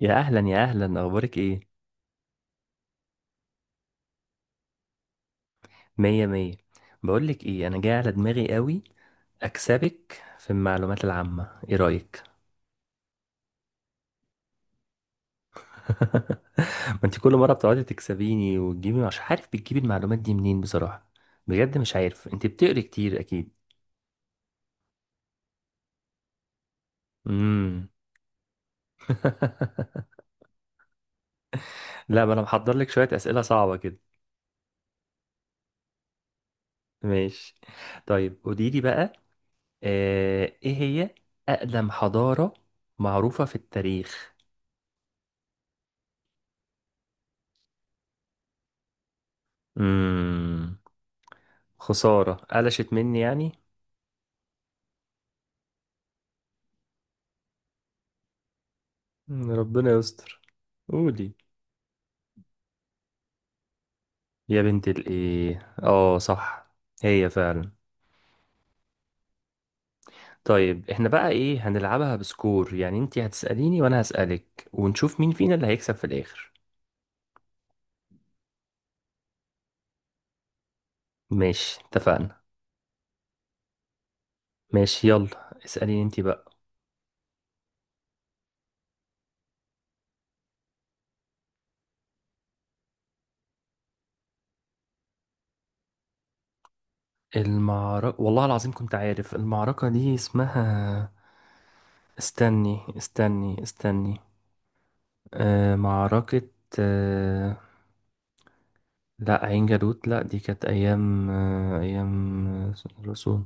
يا اهلا يا اهلا، اخبارك ايه؟ مية مية. بقولك ايه، انا جاي على دماغي قوي اكسبك في المعلومات العامة، ايه رأيك؟ ما انت كل مرة بتقعدي تكسبيني وتجيبي، مش عارف بتجيبي المعلومات دي منين بصراحة. بجد مش عارف، انت بتقري كتير اكيد. امم لا، ما انا محضر لك شوية اسئلة صعبة كده. ماشي. طيب قوليلي بقى، ايه هي اقدم حضارة معروفة في التاريخ. امم خسارة قلشت مني يعني. ربنا يستر. قولي. يا بنت الايه اه صح. هي فعلا. طيب احنا بقى ايه هنلعبها بسكور، يعني انتي هتسأليني وانا هسألك ونشوف مين فينا اللي هيكسب في الاخر. ماشي اتفقنا. ماشي يلا، اسأليني انتي بقى. المعركة والله العظيم كنت عارف المعركة دي اسمها. استني استني استني، آه معركة، آه، لا عين جالوت، لا دي كانت ايام ايام الرسول.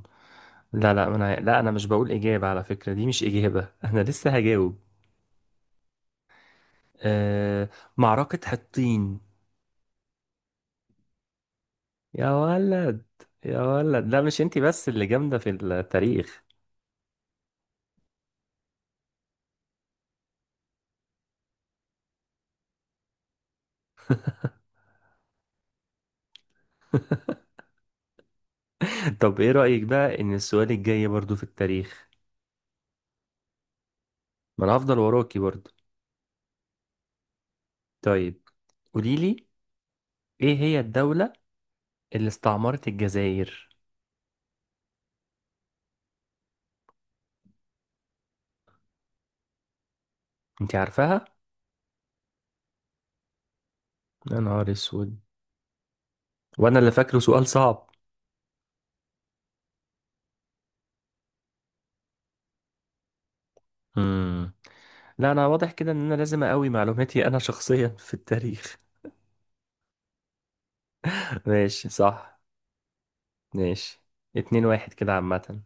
لا لا، انا مش بقول اجابه، على فكره دي مش اجابه. انا لسه هجاوب. أه معركه حطين. يا ولد، يا ولد، لا مش انتي بس اللي جامده في التاريخ. طب ايه رايك بقى ان السؤال الجاي برضو في التاريخ؟ ما انا هفضل وراكي برضو. طيب قولي لي، ايه هي الدوله اللي استعمرت الجزائر؟ انتي عارفاها؟ يا نهار اسود، وانا اللي فاكره سؤال صعب. مم. لا انا واضح كده ان انا لازم اقوي معلوماتي انا شخصيا في التاريخ. ماشي صح. ماشي، 2-1 كده عامة.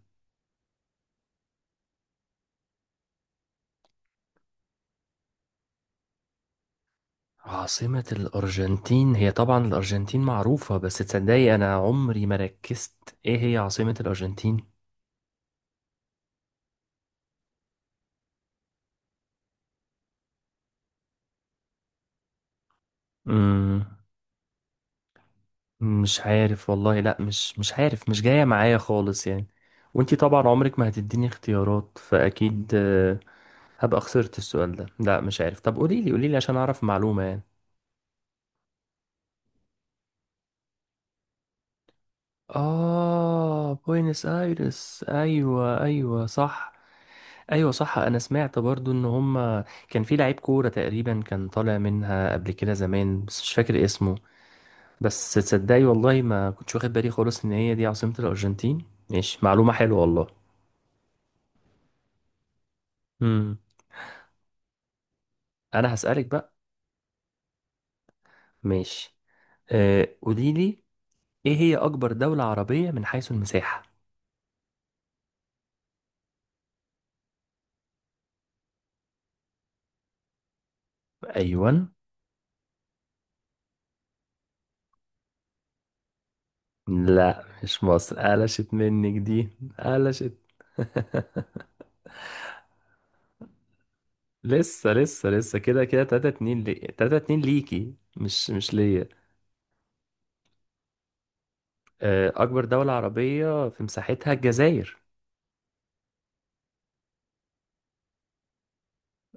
عاصمة الأرجنتين هي طبعا، الأرجنتين معروفة، بس تصدقي أنا عمري ما ركزت إيه هي عاصمة الأرجنتين؟ مم. مش عارف والله، لأ مش عارف، مش جاية معايا خالص يعني. وانتي طبعا عمرك ما هتديني اختيارات، فأكيد هبقى خسرت السؤال ده. لأ مش عارف، طب قوليلي قوليلي عشان أعرف معلومة يعني. آه بوينس آيرس، أيوة أيوة صح. أيوة صح، أنا سمعت برضو إن هما كان في لعيب كورة تقريبا كان طالع منها قبل كده زمان بس مش فاكر اسمه. بس تصدقي والله ما كنتش واخد بالي خالص إن هي دي عاصمة الأرجنتين. ماشي معلومة حلوة والله. مم. أنا هسألك بقى. ماشي، آه قوليلي، إيه هي أكبر دولة عربية من حيث المساحة؟ أيوة. لا مش مصر، قلشت منك دي، قلشت. لسه لسه لسه، كده كده 3-2 لي، 3-2 ليكي، مش ليا. اكبر دولة عربية في مساحتها الجزائر.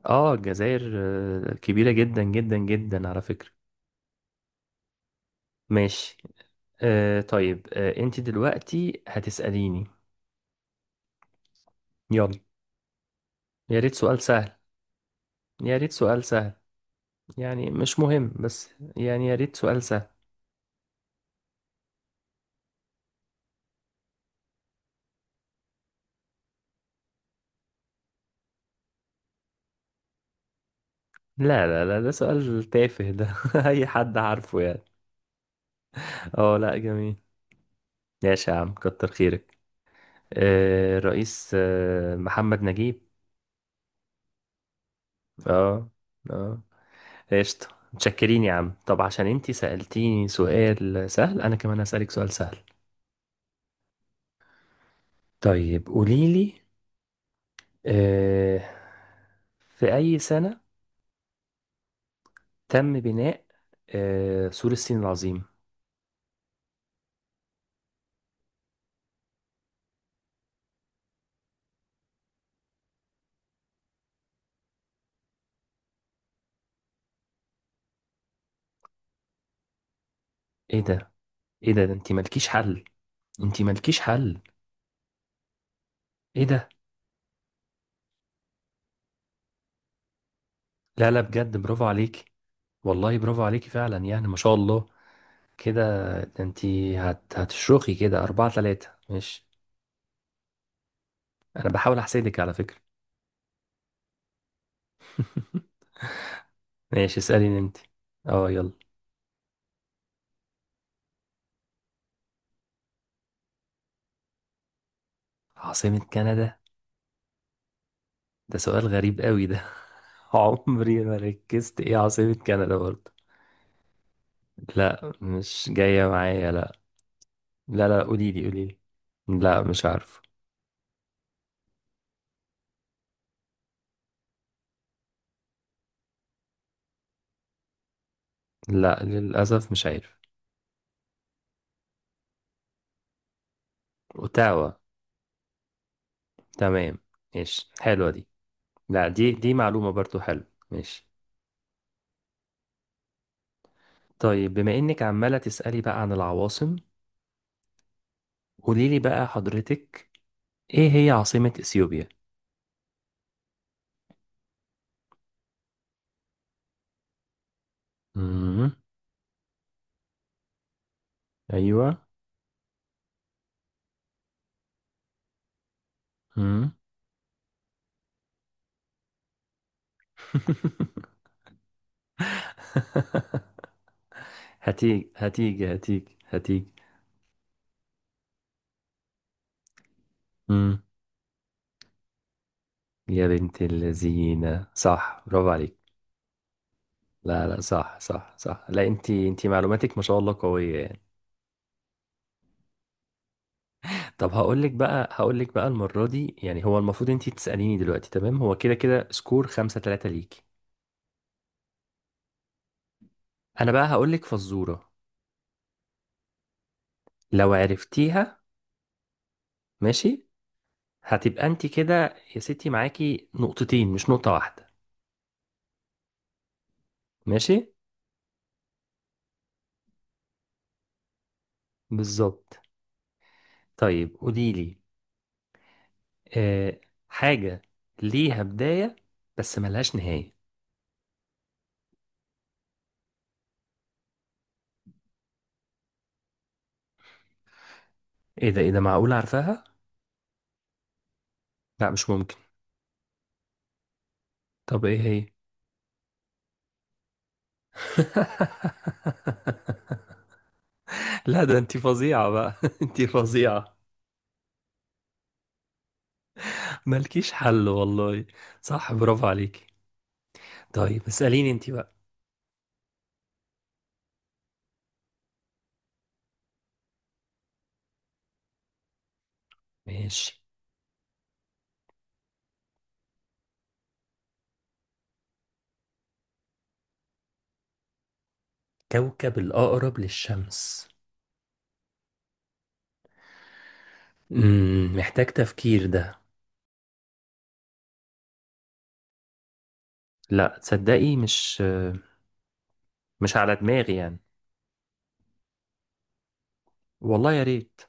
اه الجزائر، كبيرة جدا جدا جدا على فكرة. ماشي. طيب، انت دلوقتي هتسأليني. يلا. يا ريت سؤال سهل. يا ريت سؤال سهل يعني، مش مهم بس يعني يا ريت سؤال سهل. لا لا لا، ده سؤال تافه ده. اي حد عارفه يعني. اه لا جميل، ماشي يا عم كتر خيرك. الرئيس محمد نجيب. اه. اه. قشطة. متشكرين يا عم، طب عشان انتي سألتيني سؤال سهل انا كمان هسألك سؤال سهل. طيب قوليلي، آه، في أي سنة تم بناء سور الصين العظيم؟ ايه ده، ايه ده، ده انتي مالكيش حل، انتي مالكيش حل. ايه ده. لا لا بجد، برافو عليكي، والله برافو عليكي فعلا يعني ما شاء الله. كده، ده هتشرخي كده 4-3 ماشي. انا بحاول احسدك على فكرة. ماشي، اسأليني انت. اه يلا. عاصمة كندا؟ ده سؤال غريب قوي ده. عمري ما ركزت ايه عاصمة كندا برضه. لا مش جاية معايا، لا لا لا، قولي لي قولي لي. لا مش عارف. لا للأسف مش عارف. اوتاوا. تمام، ماشي حلوة دي. لا دي معلومة برضه حلوة. ماشي. طيب، بما انك عمالة تسألي بقى عن العواصم، قولي لي بقى حضرتك، ايه هي عاصمة اثيوبيا؟ امم ايوه. مم. هتيجي هتيجي هتيجي هتيجي. مم. يا بنت اللذينة، صح برافو عليك. لا لا صح صح صح، لا انت معلوماتك ما شاء الله قوية يعني. طب هقول لك بقى، هقول لك بقى، المرة دي يعني هو المفروض انت تسأليني دلوقتي، تمام، هو كده كده سكور 5-3 ليكي. انا بقى هقول لك فزورة، لو عرفتيها، ماشي، هتبقى انت كده يا ستي معاكي نقطتين مش نقطة واحدة. ماشي. بالظبط. طيب قولي لي، آه، حاجة ليها بداية بس ملهاش نهاية. ايه ده، ايه ده، معقول عارفاها؟ لا مش ممكن. طب ايه هي؟ لا ده انتي فظيعة بقى، انتي فظيعة، مالكيش حل والله. صح برافو عليكي. طيب اسأليني انتي بقى. ماشي. كوكب الأقرب للشمس؟ محتاج تفكير ده. لا تصدقي مش مش على دماغي يعني. والله يا ريت.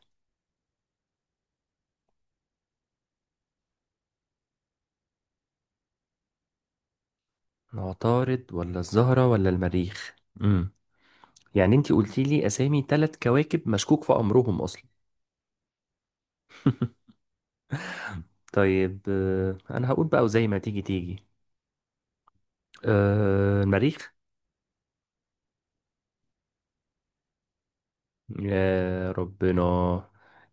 عطارد ولا الزهرة ولا المريخ؟ يعني انتي قلتي لي اسامي ثلاث كواكب مشكوك في امرهم اصلا. طيب، انا هقول بقى وزي ما تيجي تيجي. أه المريخ. يا ربنا،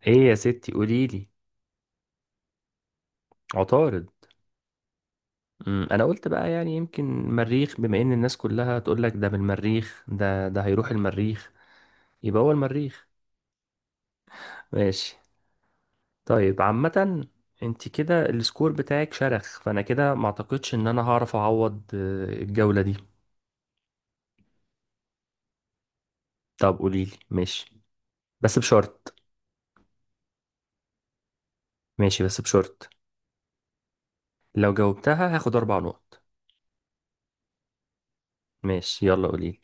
ايه يا ستي قولي لي. عطارد. انا قلت بقى يعني يمكن المريخ، بما ان الناس كلها تقول لك ده بالمريخ ده، ده هيروح المريخ، يبقى هو المريخ. ماشي. طيب عامة، انت كده السكور بتاعك شرخ، فانا كده ما اعتقدش ان انا هعرف اعوض الجولة دي. طب قولي لي ماشي، بس بشرط، ماشي بس بشرط، لو جاوبتها هاخد أربع نقط. ماشي يلا قوليلي.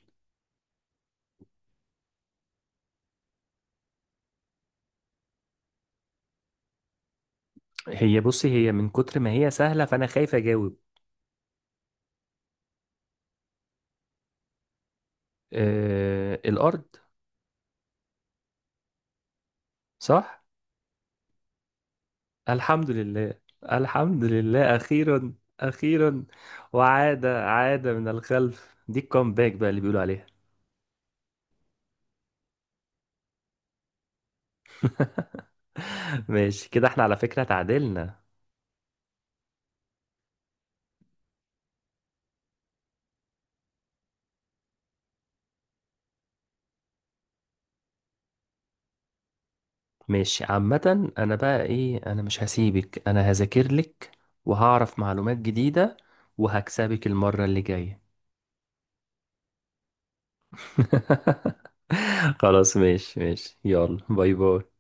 هي بصي، هي من كتر ما هي سهلة فأنا خايف أجاوب. آه الأرض. صح؟ الحمد لله، الحمد لله أخيرا، أخيرا. وعادة عادة من الخلف دي الكومباك بقى اللي بيقولوا عليها. ماشي كده احنا على فكرة تعادلنا. ماشي عامة، أنا بقى إيه، أنا مش هسيبك، أنا هذاكر لك وهعرف معلومات جديدة وهكسبك المرة اللي جاية. خلاص ماشي ماشي يلا، باي باي.